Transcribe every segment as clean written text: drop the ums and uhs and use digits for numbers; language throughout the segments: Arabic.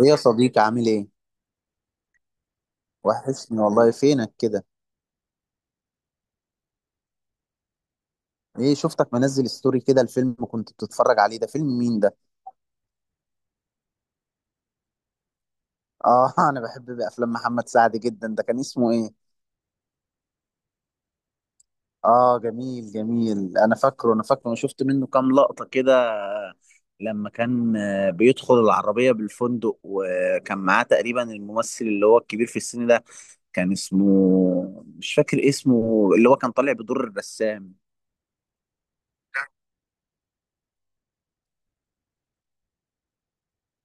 ايه يا صديقي، عامل ايه؟ وحشني والله، فينك كده؟ ايه، شفتك منزل ستوري كده. الفيلم كنت بتتفرج عليه ده، فيلم مين ده؟ اه انا بحب افلام محمد سعد جدا. ده كان اسمه ايه؟ اه، جميل جميل. انا فاكره انا شفت منه كام لقطة كده. لما كان بيدخل العربية بالفندق، وكان معاه تقريبا الممثل اللي هو الكبير في السن ده. كان اسمه، مش فاكر اسمه، اللي هو كان طالع بدور الرسام.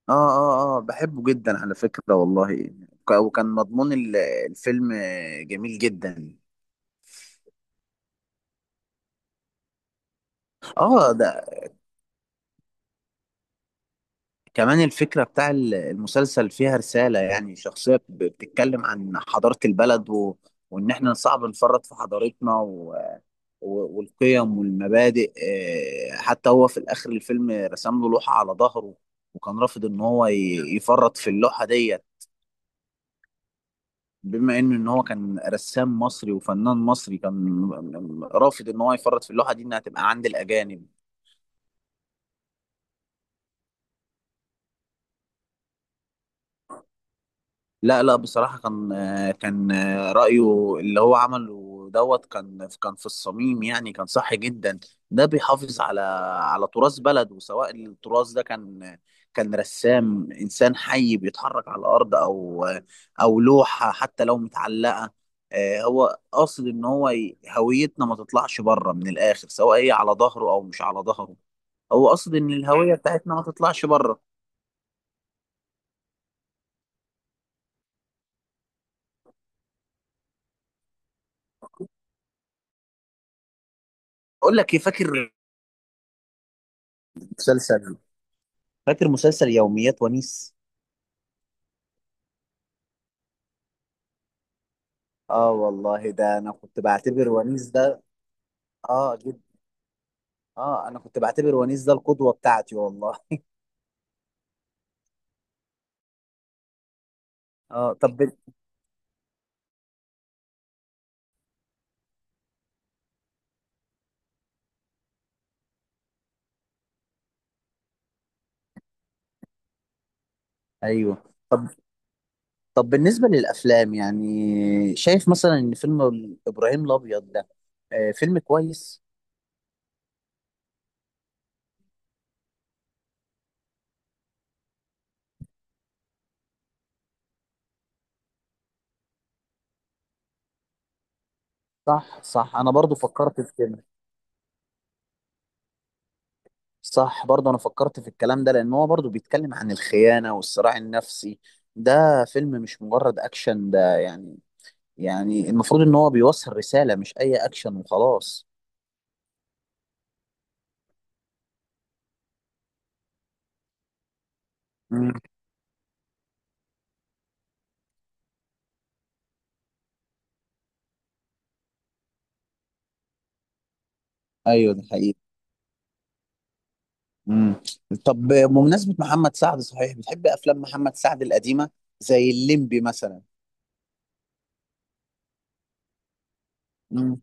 اه اه اه، بحبه جدا على فكرة والله. وكان مضمون الفيلم جميل جدا. اه، ده كمان الفكرة بتاع المسلسل فيها رسالة، يعني شخصية بتتكلم عن حضارة البلد، وان احنا صعب نفرط في حضارتنا، والقيم والمبادئ. حتى هو في الاخر الفيلم رسم له لوحة على ظهره، وكان رافض ان هو يفرط في اللوحة ديت. بما ان هو كان رسام مصري وفنان مصري، كان رافض ان هو يفرط في اللوحه دي، انها تبقى عند الاجانب. لا لا، بصراحة كان كان رأيه اللي هو عمله دوت كان، كان في الصميم، يعني كان صح جدا. ده بيحافظ على، على تراث بلده. سواء التراث ده كان، كان رسام إنسان حي بيتحرك على الأرض، أو أو لوحة. حتى لو متعلقة، هو قاصد إن هو هويتنا ما تطلعش بره من الآخر، سواء هي على ظهره أو مش على ظهره. هو قاصد إن الهوية بتاعتنا ما تطلعش بره. أقول لك إيه، فاكر مسلسل، فاكر مسلسل يوميات ونيس؟ اه والله، ده انا كنت بعتبر ونيس ده. اه، جد. اه، انا كنت بعتبر ونيس ده القدوة بتاعتي والله. اه طب ايوه، طب، طب بالنسبة للافلام يعني، شايف مثلا ان فيلم ابراهيم الابيض ده، آه فيلم كويس؟ صح صح، انا برضو فكرت في كده. صح، برضو انا فكرت في الكلام ده، لان هو برضو بيتكلم عن الخيانة والصراع النفسي. ده فيلم مش مجرد اكشن ده يعني. يعني المفروض ان هو بيوصل رسالة، مش اي اكشن وخلاص. مم. ايوه ده حقيقي. امم طب بمناسبة محمد سعد، صحيح بتحب افلام محمد سعد القديمة زي الليمبي مثلا؟ مم.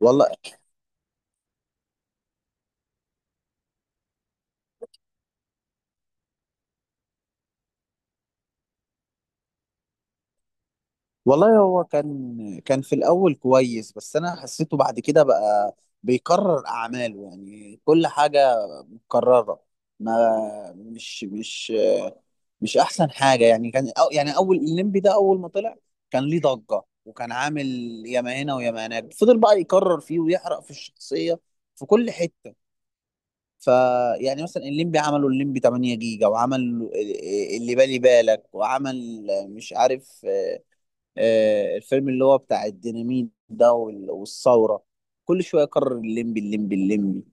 والله، والله هو كان، كان في الاول كويس، بس انا حسيته بعد كده بقى بيكرر اعماله. يعني كل حاجة مكررة. ما، مش مش احسن حاجه يعني. كان، أو يعني اول الليمبي ده اول ما طلع، كان ليه ضجه وكان عامل ياما هنا وياما هناك. فضل بقى يكرر فيه ويحرق في الشخصيه في كل حته. فيعني مثلا الليمبي عملوا الليمبي 8 جيجا، وعمل اللي بالي بالك، وعمل مش عارف، الفيلم اللي هو بتاع الديناميت ده والثوره. كل شويه يكرر الليمبي، الليمبي، الليمبي.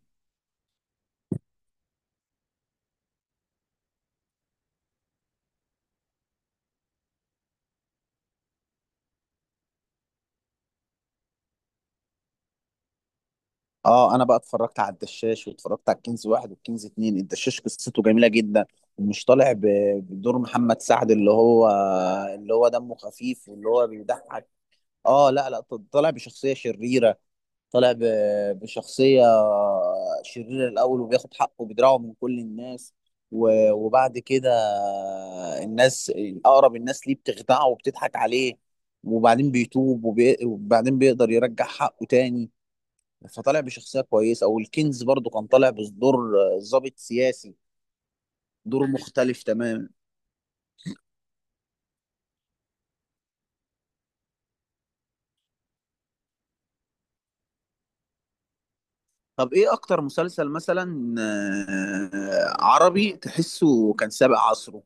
اه انا بقى اتفرجت على الدشاش، واتفرجت على الكنز واحد والكنز اتنين. الدشاش قصته جميله جدا، ومش طالع بدور محمد سعد، اللي هو اللي هو دمه خفيف واللي هو بيضحك. اه لا لا، طالع بشخصيه شريره. طالع بشخصيه شريره الاول، وبياخد حقه وبيدرعه من كل الناس، و وبعد كده الناس، اقرب الناس ليه بتخدعه وبتضحك عليه. وبعدين بيتوب وبعدين بيقدر يرجع حقه تاني. فطالع بشخصية كويسة. والكنز برضو كان طالع بدور ضابط سياسي، دور مختلف تماما. طب ايه اكتر مسلسل مثلا عربي تحسه كان سابق عصره؟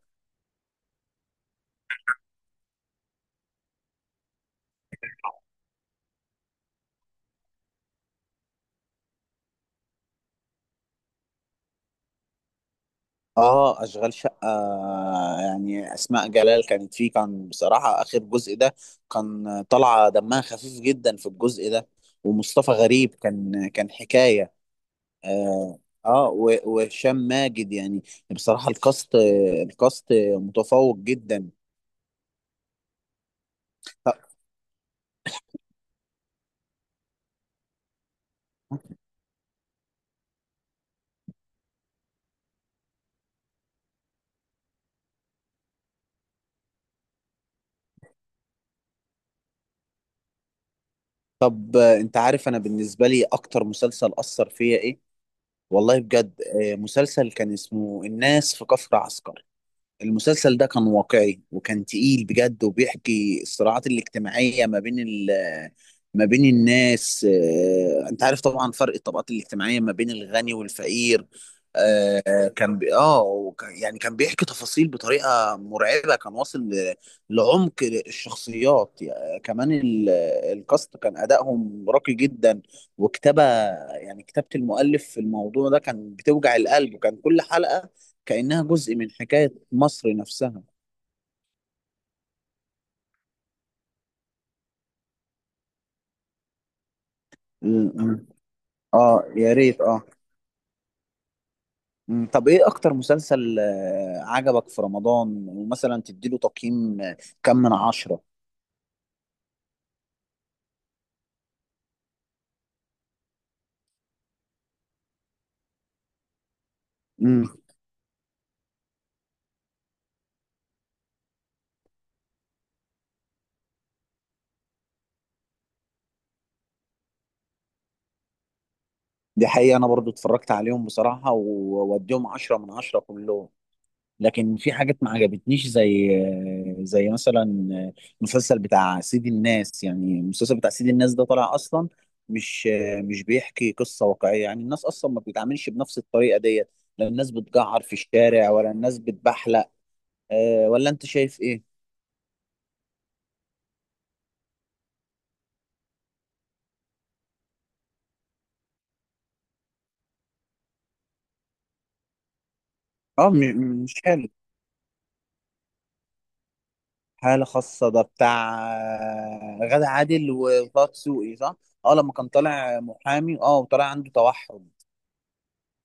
اه، اشغال شقة. يعني اسماء جلال كانت فيه، كان بصراحة اخر جزء ده كان طالعة دمها خفيف جدا في الجزء ده. ومصطفى غريب كان، كان حكاية. اه، وهشام ماجد يعني، بصراحة الكاست، الكاست متفوق جدا. طب انت عارف انا بالنسبه لي اكتر مسلسل اثر فيا ايه؟ والله بجد، مسلسل كان اسمه الناس في كفر عسكر. المسلسل ده كان واقعي، وكان تقيل بجد، وبيحكي الصراعات الاجتماعية ما بين ال، ما بين الناس. انت عارف طبعا فرق الطبقات الاجتماعية ما بين الغني والفقير. آه، كان بي... اه وك- يعني كان بيحكي تفاصيل بطريقة مرعبة. كان واصل لعمق الشخصيات. يعني كمان الكاست كان أدائهم راقي جدا، وكتابة، يعني كتابة المؤلف في الموضوع ده كان بتوجع القلب. وكان كل حلقة كأنها جزء من حكاية مصر نفسها. م- م. اه يا ريت اه. طب ايه اكتر مسلسل عجبك في رمضان، ومثلا تديله تقييم كم من 10؟ م. دي حقيقة، انا برضو اتفرجت عليهم بصراحة، ووديهم 10 من 10 كلهم. لكن في حاجات ما عجبتنيش، زي زي مثلا المسلسل بتاع سيد الناس. يعني المسلسل بتاع سيد الناس ده طالع اصلا مش، مش بيحكي قصه واقعيه. يعني الناس اصلا ما بتتعاملش بنفس الطريقه ديت. لا الناس بتجعر في الشارع، ولا الناس بتبحلق. ولا انت شايف ايه؟ اه مش حلو. حالة خاصة ده بتاع غادة عادل وطه دسوقي، صح؟ اه لما كان طالع محامي، اه، وطالع عنده توحد.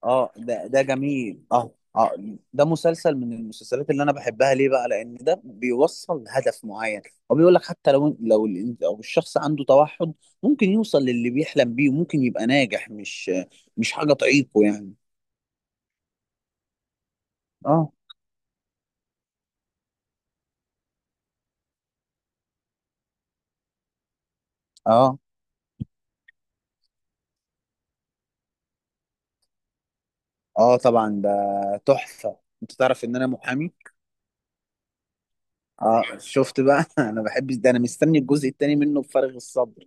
اه، ده ده جميل، اه اه. ده مسلسل من المسلسلات اللي انا بحبها، ليه بقى؟ لان ده بيوصل لهدف معين. هو بيقول لك حتى لو، لو ال، لو الشخص عنده توحد، ممكن يوصل للي بيحلم بيه، وممكن يبقى ناجح. مش حاجة تعيقه يعني. اه اه، اه طبعا ده تحفة. انت تعرف ان انا محامي. اه شفت بقى انا بحب ده، انا مستني الجزء التاني منه بفارغ الصبر.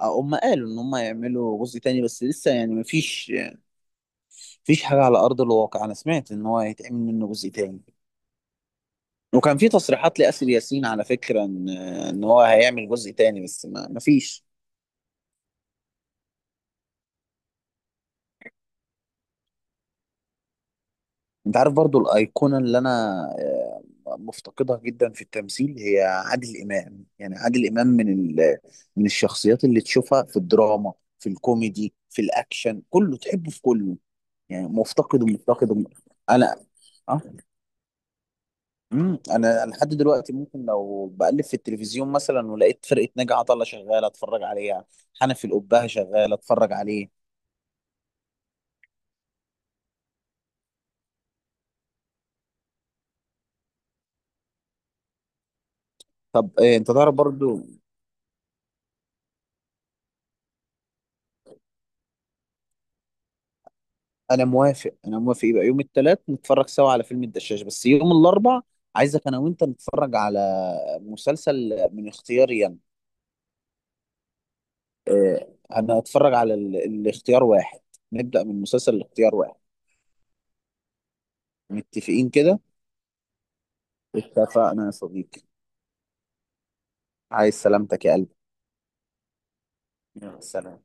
اه، هم قالوا ان هم يعملوا جزء تاني، بس لسه يعني مفيش حاجة على أرض الواقع. أنا سمعت إن هو هيتعمل منه جزء تاني. وكان في تصريحات لآسر ياسين على فكرة، إن إن هو هيعمل جزء تاني، بس ما مفيش. أنت عارف برضو الأيقونة اللي أنا آه، مفتقدها جدا في التمثيل، هي عادل إمام. يعني عادل إمام من ال، من الشخصيات اللي تشوفها في الدراما، في الكوميدي، في الأكشن، كله تحبه في كله. يعني مفتقده، مفتقده م- أنا أه انا أنا لحد دلوقتي ممكن لو بقلب في التلفزيون مثلا ولقيت فرقه ناجي عطا الله شغاله، اتفرج عليها. حنفي القبهه شغاله، اتفرج عليه. طب إيه، انت تعرف برضو، انا موافق، انا موافق. يبقى يوم الثلاث نتفرج سوا على فيلم الدشاش، بس يوم الاربع عايزك انا وانت نتفرج على مسلسل من اختياري انا. انا هتفرج على ال، الاختيار واحد. نبدا من مسلسل الاختيار واحد. متفقين كده. اتفقنا يا صديقي. عايز سلامتك يا قلبي. يلا سلام.